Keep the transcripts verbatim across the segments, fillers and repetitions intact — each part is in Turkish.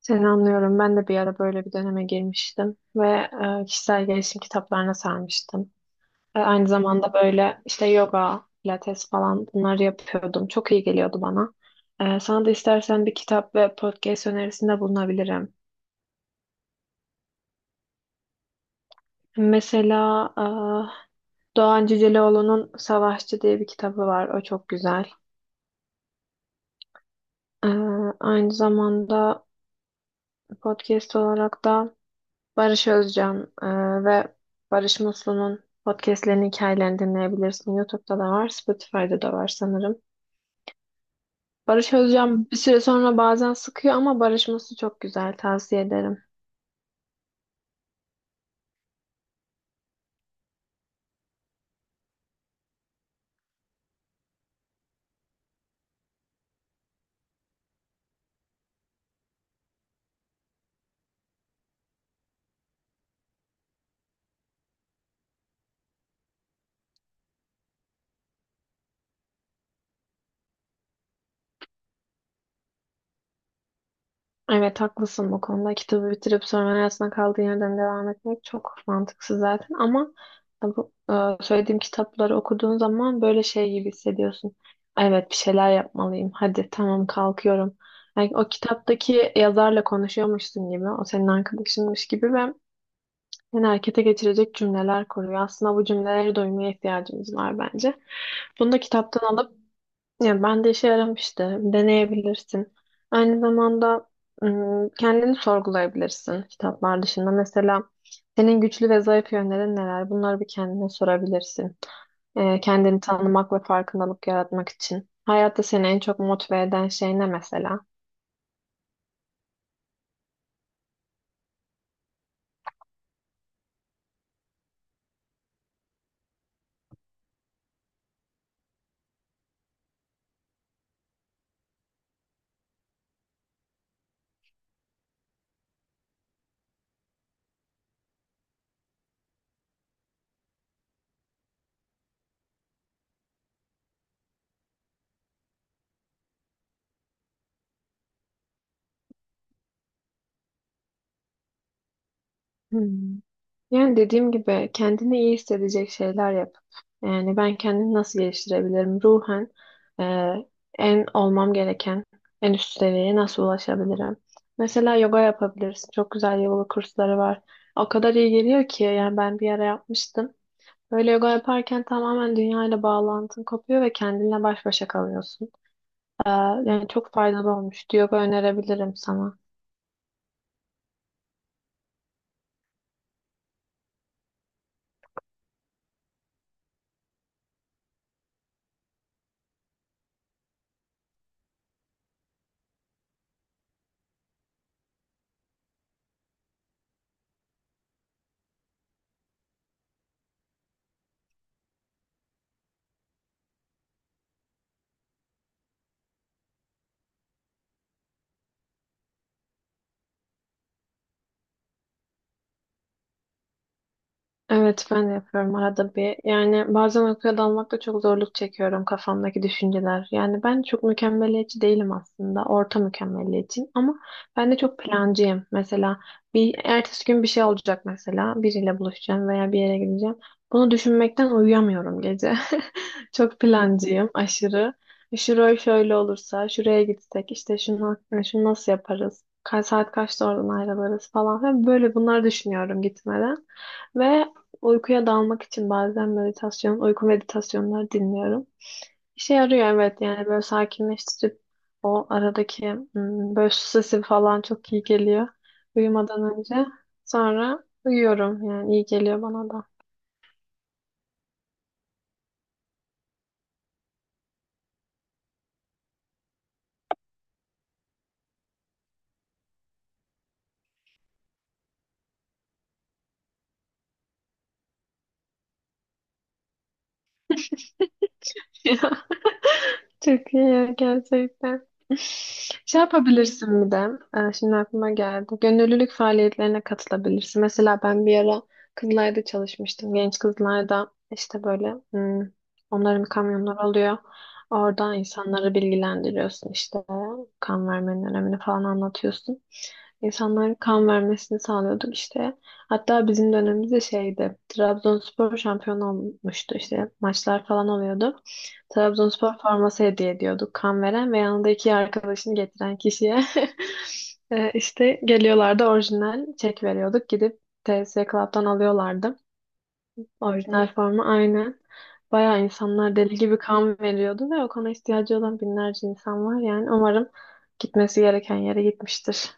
Seni anlıyorum. Ben de bir ara böyle bir döneme girmiştim ve e, kişisel gelişim kitaplarına sarmıştım. E, aynı zamanda böyle işte yoga, pilates falan bunları yapıyordum. Çok iyi geliyordu bana. E, sana da istersen bir kitap ve podcast önerisinde bulunabilirim. Mesela e, Doğan Cüceloğlu'nun Savaşçı diye bir kitabı var. O çok güzel. E, Aynı zamanda podcast olarak da Barış Özcan e, ve Barış Muslu'nun podcastlerinin hikayelerini dinleyebilirsin. YouTube'da da var, Spotify'da da var sanırım. Barış Özcan bir süre sonra bazen sıkıyor ama Barış Muslu çok güzel, tavsiye ederim. Evet haklısın bu konuda. Kitabı bitirip sonra arasında kaldığı yerden devam etmek çok mantıksız zaten ama bu e, söylediğim kitapları okuduğun zaman böyle şey gibi hissediyorsun. Evet bir şeyler yapmalıyım. Hadi tamam kalkıyorum. Yani o kitaptaki yazarla konuşuyormuşsun gibi, o senin arkadaşınmış gibi ve seni harekete geçirecek cümleler kuruyor. Aslında bu cümleleri duymaya ihtiyacımız var bence. Bunu da kitaptan alıp ya ben de işe yaramıştı. Deneyebilirsin. Aynı zamanda ım, kendini sorgulayabilirsin kitaplar dışında. Mesela senin güçlü ve zayıf yönlerin neler? Bunları bir kendine sorabilirsin. Ee, kendini tanımak ve farkındalık yaratmak için. Hayatta seni en çok motive eden şey ne mesela? Hmm. Yani dediğim gibi kendini iyi hissedecek şeyler yap. Yani ben kendimi nasıl geliştirebilirim? Ruhen e, en olmam gereken en üst seviyeye nasıl ulaşabilirim? Mesela yoga yapabilirsin. Çok güzel yoga kursları var. O kadar iyi geliyor ki yani ben bir ara yapmıştım. Böyle yoga yaparken tamamen dünyayla bağlantın kopuyor ve kendinle baş başa kalıyorsun. E, yani çok faydalı olmuştu. Yoga önerebilirim sana. Evet ben de yapıyorum arada bir. Yani bazen uykuya dalmakta çok zorluk çekiyorum kafamdaki düşünceler. Yani ben çok mükemmeliyetçi değilim aslında. Orta mükemmeliyetçiyim ama ben de çok plancıyım. Mesela bir ertesi gün bir şey olacak mesela. Biriyle buluşacağım veya bir yere gideceğim. Bunu düşünmekten uyuyamıyorum gece. Çok plancıyım aşırı. Şurayı şöyle olursa, şuraya gitsek, işte şunu, şunu nasıl yaparız? Kaç saat kaçta oradan ayrılırız falan. Ve böyle bunları düşünüyorum gitmeden. Ve uykuya dalmak için bazen meditasyon, uyku meditasyonları dinliyorum. İşe yarıyor evet yani böyle sakinleştirip o aradaki hmm, böyle su sesi falan çok iyi geliyor uyumadan önce. Sonra uyuyorum yani iyi geliyor bana da. Çok iyi ya, gerçekten. Şey yapabilirsin bir de. e, Şimdi aklıma geldi. Gönüllülük faaliyetlerine katılabilirsin. Mesela ben bir ara kızlarda çalışmıştım. Genç kızlarda işte böyle hmm, onların kamyonları oluyor. Orada insanları bilgilendiriyorsun işte. Kan vermenin önemini falan anlatıyorsun. İnsanların kan vermesini sağlıyorduk işte. Hatta bizim dönemimizde şeydi. Trabzonspor şampiyon olmuştu işte. Maçlar falan oluyordu. Trabzonspor forması hediye ediyorduk kan veren ve yanında iki arkadaşını getiren kişiye. Ee, işte geliyorlardı orijinal çek veriyorduk. Gidip T S C Club'dan alıyorlardı. Orijinal forma aynen. Bayağı insanlar deli gibi kan veriyordu ve o kana ihtiyacı olan binlerce insan var. Yani umarım gitmesi gereken yere gitmiştir.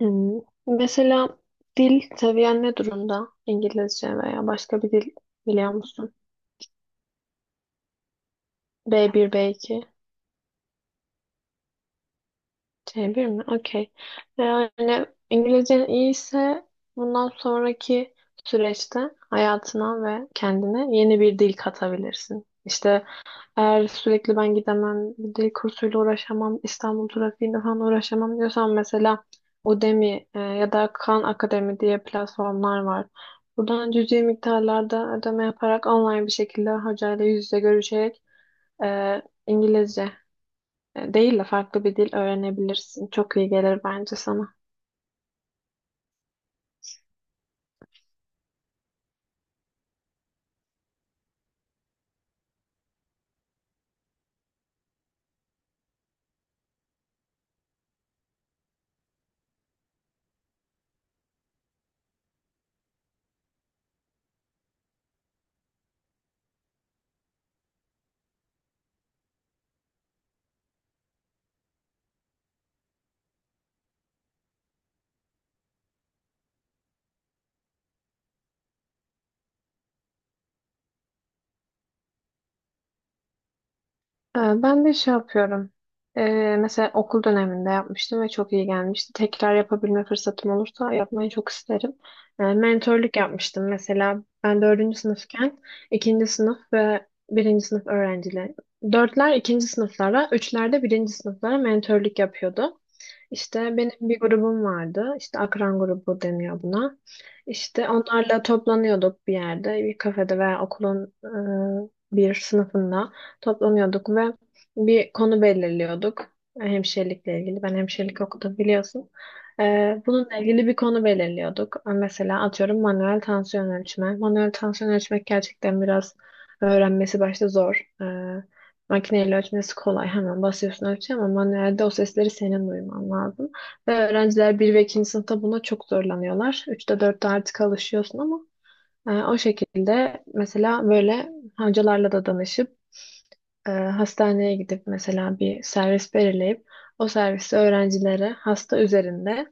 Hmm. Mesela dil seviyen ne durumda? İngilizce veya başka bir dil biliyor musun? B bir, B iki. C bir mi? Okey. Yani İngilizcen iyiyse bundan sonraki süreçte hayatına ve kendine yeni bir dil katabilirsin. İşte eğer sürekli ben gidemem, bir dil kursuyla uğraşamam, İstanbul trafiğinde falan uğraşamam diyorsan mesela Udemy e, ya da Khan Akademi diye platformlar var. Buradan cüzi miktarlarda ödeme yaparak online bir şekilde hocayla yüz yüze görüşerek e, İngilizce e, değil de farklı bir dil öğrenebilirsin. Çok iyi gelir bence sana. Ee, Ben de şey yapıyorum. Ee, mesela okul döneminde yapmıştım ve çok iyi gelmişti. Tekrar yapabilme fırsatım olursa yapmayı çok isterim. Ee, mentörlük yapmıştım. Mesela ben dördüncü sınıfken ikinci sınıf ve birinci sınıf öğrencileri. Dörtler ikinci sınıflara, üçler de birinci sınıflara mentörlük yapıyordu. İşte benim bir grubum vardı. İşte akran grubu deniyor buna. İşte onlarla toplanıyorduk bir yerde, bir kafede veya okulun e, bir sınıfında toplanıyorduk ve bir konu belirliyorduk. Hemşirelikle ilgili. Ben hemşirelik okudum biliyorsun. Ee, bununla ilgili bir konu belirliyorduk. Mesela atıyorum manuel tansiyon ölçme. Manuel tansiyon ölçmek gerçekten biraz öğrenmesi başta zor. Ee, makineyle ölçmesi kolay. Hemen basıyorsun ölçüyor ama manuelde o sesleri senin duyman lazım. Ve öğrenciler bir ve ikinci sınıfta buna çok zorlanıyorlar. üçte dörtte artık alışıyorsun ama e, o şekilde mesela böyle hocalarla da danışıp e, hastaneye gidip mesela bir servis belirleyip o servisi öğrencilere hasta üzerinde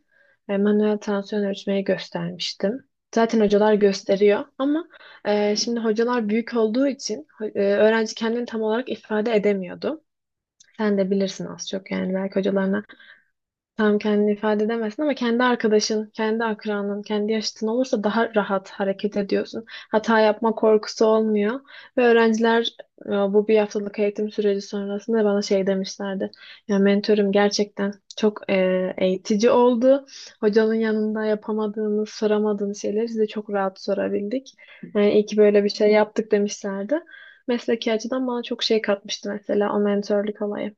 e, manuel tansiyon ölçmeyi göstermiştim. Zaten hocalar gösteriyor ama e, şimdi hocalar büyük olduğu için ho- e, öğrenci kendini tam olarak ifade edemiyordu. Sen de bilirsin az çok yani belki hocalarına tam kendini ifade edemezsin ama kendi arkadaşın, kendi akranın, kendi yaşıtın olursa daha rahat hareket ediyorsun. Hata yapma korkusu olmuyor. Ve öğrenciler e, bu bir haftalık eğitim süreci sonrasında bana şey demişlerdi. Ya mentorum gerçekten çok e, eğitici oldu. Hocanın yanında yapamadığımız, soramadığımız şeyleri size çok rahat sorabildik. Yani iyi ki böyle bir şey yaptık demişlerdi. Mesleki açıdan bana çok şey katmıştı mesela o mentorluk olayı.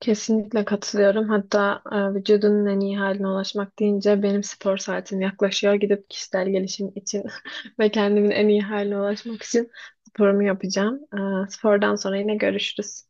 Kesinlikle katılıyorum. Hatta e, vücudunun en iyi haline ulaşmak deyince benim spor saatim yaklaşıyor. Gidip kişisel gelişim için ve kendimin en iyi haline ulaşmak için sporumu yapacağım. E, spordan sonra yine görüşürüz.